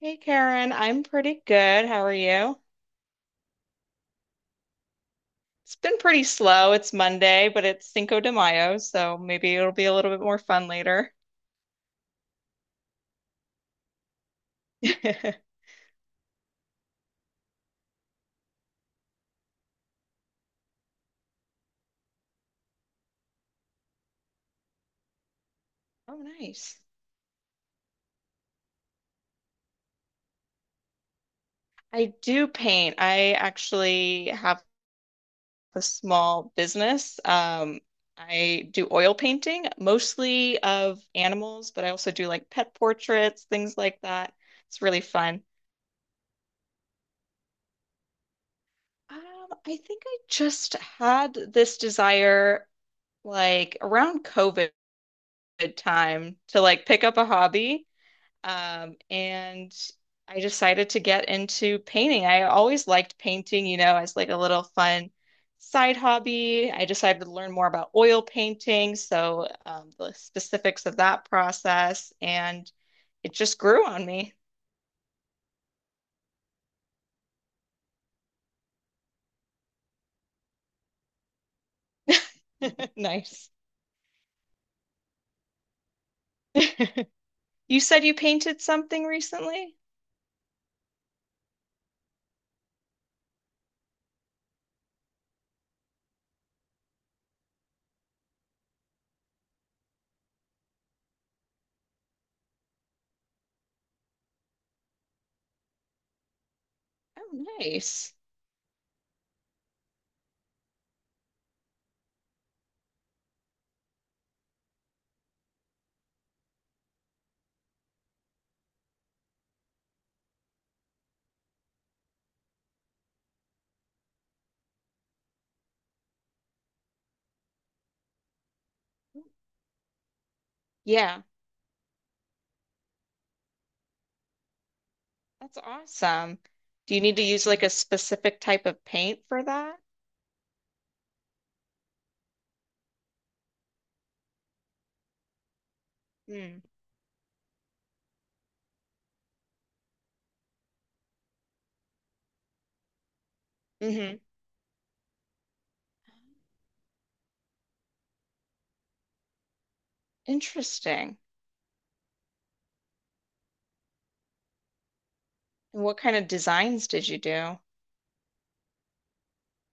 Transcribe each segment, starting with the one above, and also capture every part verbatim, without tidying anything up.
Hey Karen, I'm pretty good. How are you? It's been pretty slow. It's Monday, but it's Cinco de Mayo, so maybe it'll be a little bit more fun later. Oh, nice. I do paint. I actually have a small business. Um, I do oil painting, mostly of animals, but I also do like pet portraits, things like that. It's really fun. Um, I think I just had this desire like around COVID. Good time to like pick up a hobby. Um, and I decided to get into painting. I always liked painting, you know, as like a little fun side hobby. I decided to learn more about oil painting, so um, the specifics of that process, and it just grew on me. Nice. You said you painted something recently? Oh, nice. Yeah, that's awesome. Do you need to use like a specific type of paint for that? Hmm. Hmm. Interesting. And what kind of designs did you do?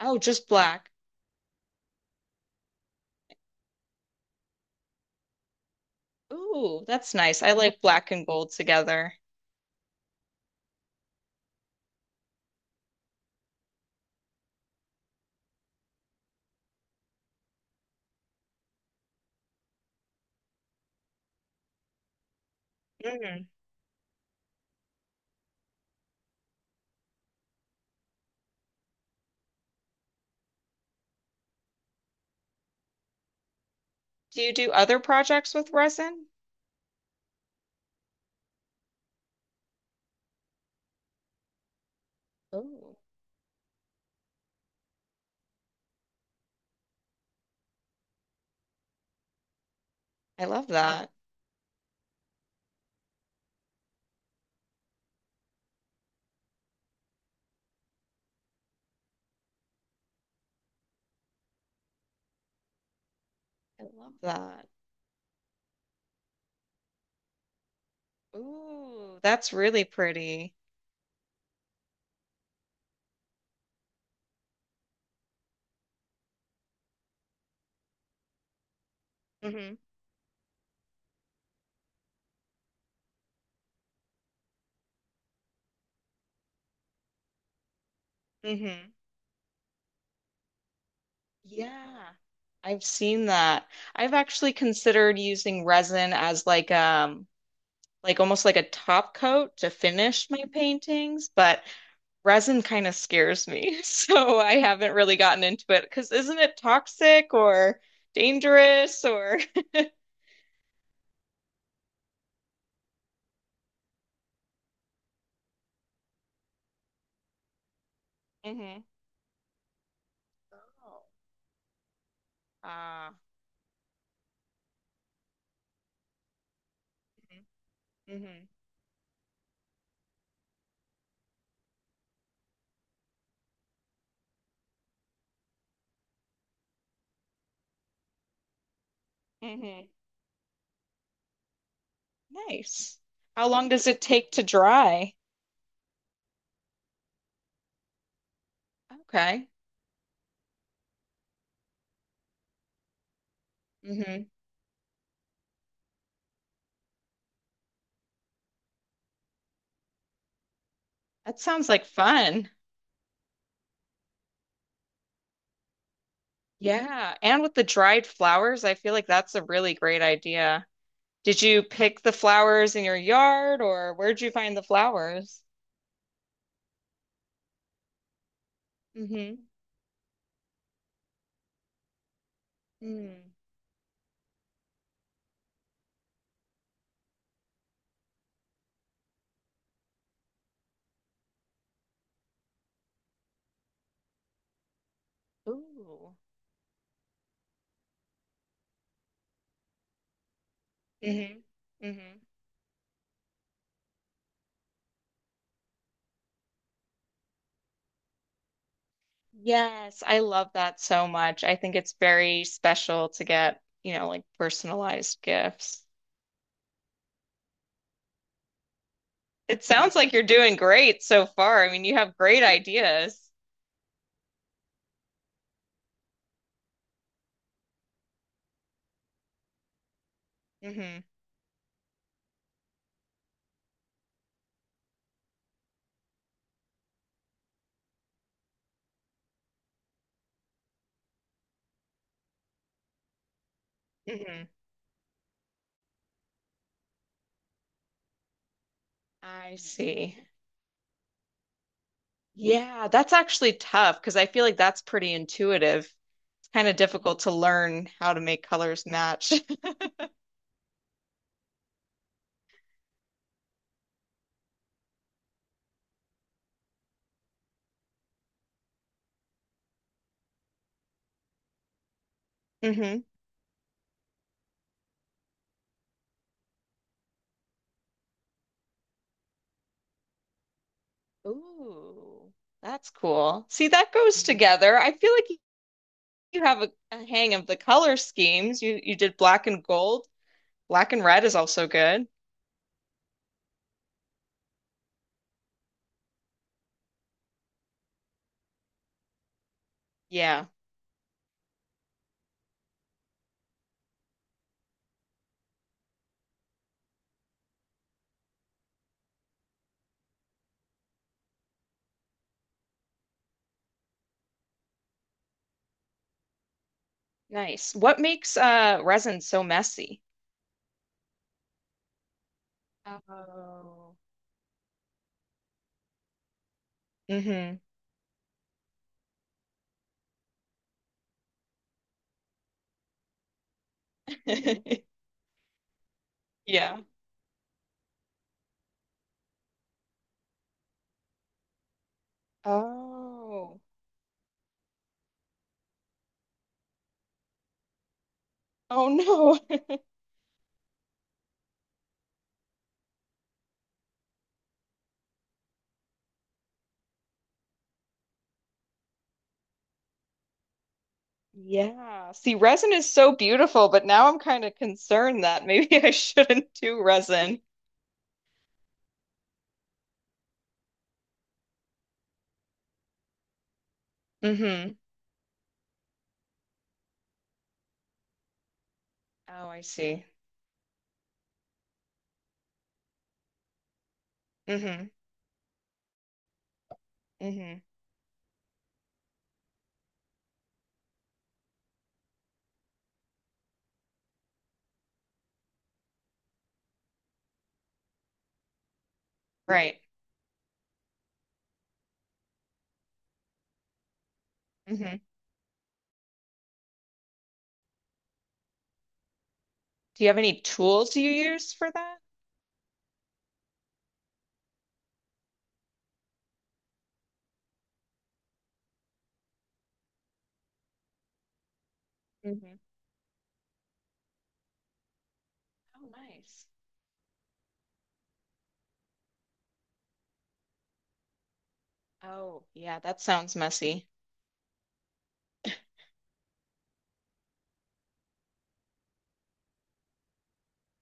Oh, just black. Ooh, that's nice. I like black and gold together. Hmm. Do you do other projects with resin? Ooh, I love that. I love that. Ooh, that's really pretty. Hmm. Hmm. Yeah. I've seen that. I've actually considered using resin as like um like almost like a top coat to finish my paintings, but resin kind of scares me, so I haven't really gotten into it because isn't it toxic or dangerous or hmm. Oh. Ah, mm. Hmm. Hmm. Nice. How long does it take to dry? Okay. Hmm. That sounds like fun. Yeah, and with the dried flowers, I feel like that's a really great idea. Did you pick the flowers in your yard or where'd you find the flowers? Mm. Hmm. Mm. Ooh. Hmm. Hmm. Yes, I love that so much. I think it's very special to get, you know, like personalized gifts. It sounds like you're doing great so far. I mean, you have great ideas. Hmm. Hmm. I see. Yeah, that's actually tough because I feel like that's pretty intuitive. It's kind of difficult to learn how to make colors match. Hmm. Ooh, that's cool. See, that goes together. I feel like you you have a, a hang of the color schemes. You you did black and gold. Black and red is also good. Yeah, nice. What makes uh resin so messy? Oh. Hmm. Yeah. Oh. Oh no. Yeah. See, resin is so beautiful, but now I'm kind of concerned that maybe I shouldn't do resin. Hmm. Oh, I see. Hmm. Hmm. Right. Hmm. Do you have any tools you use for that? Hmm. Oh, nice. Oh, yeah, that sounds messy.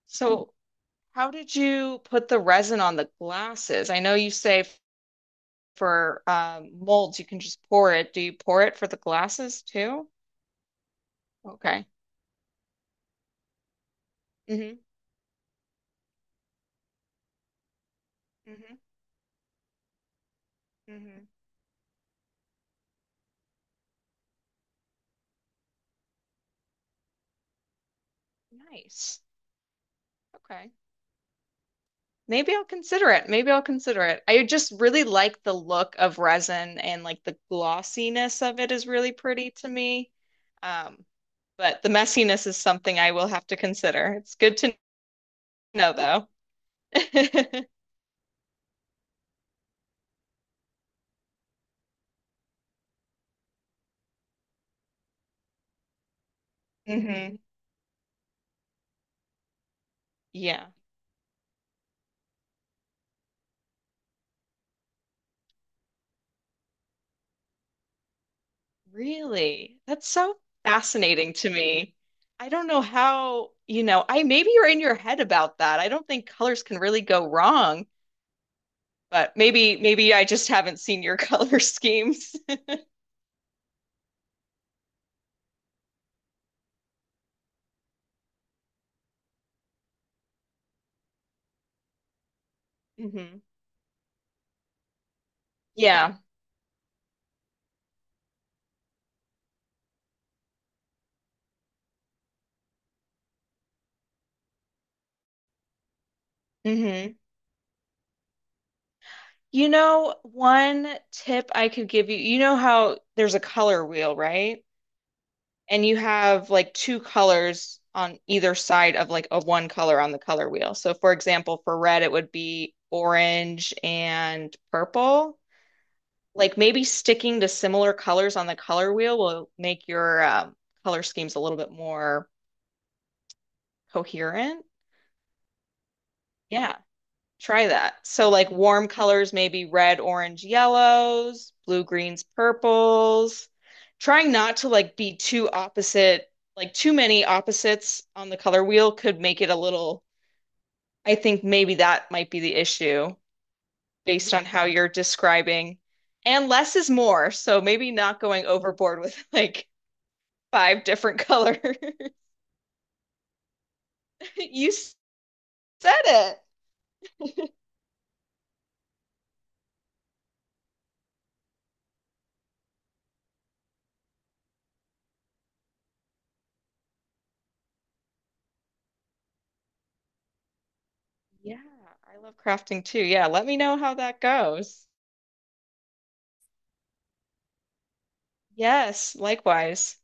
So how did you put the resin on the glasses? I know you say f- for um, molds you can just pour it. Do you pour it for the glasses too? Okay. Hmm. Hmm. Hmm. Nice. Okay. Maybe I'll consider it. Maybe I'll consider it. I just really like the look of resin and like the glossiness of it is really pretty to me. Um, but the messiness is something I will have to consider. It's good to know though. Hmm. Yeah. Really? That's so fascinating to me. I don't know how, you know, I maybe you're in your head about that. I don't think colors can really go wrong, but maybe maybe I just haven't seen your color schemes. Hmm. Yeah. Hmm. You know, one tip I could give you, you know how there's a color wheel, right? And you have like two colors on either side of like a one color on the color wheel. So for example, for red, it would be orange and purple. Like maybe sticking to similar colors on the color wheel will make your um, color schemes a little bit more coherent. Yeah. Try that. So like warm colors, maybe red, orange, yellows, blue, greens, purples. Trying not to like be too opposite, like too many opposites on the color wheel could make it a little, I think maybe that might be the issue based on how you're describing. And less is more, so maybe not going overboard with like five different colors. You said it. Yeah, I love crafting too. Yeah, let me know how that goes. Yes, likewise.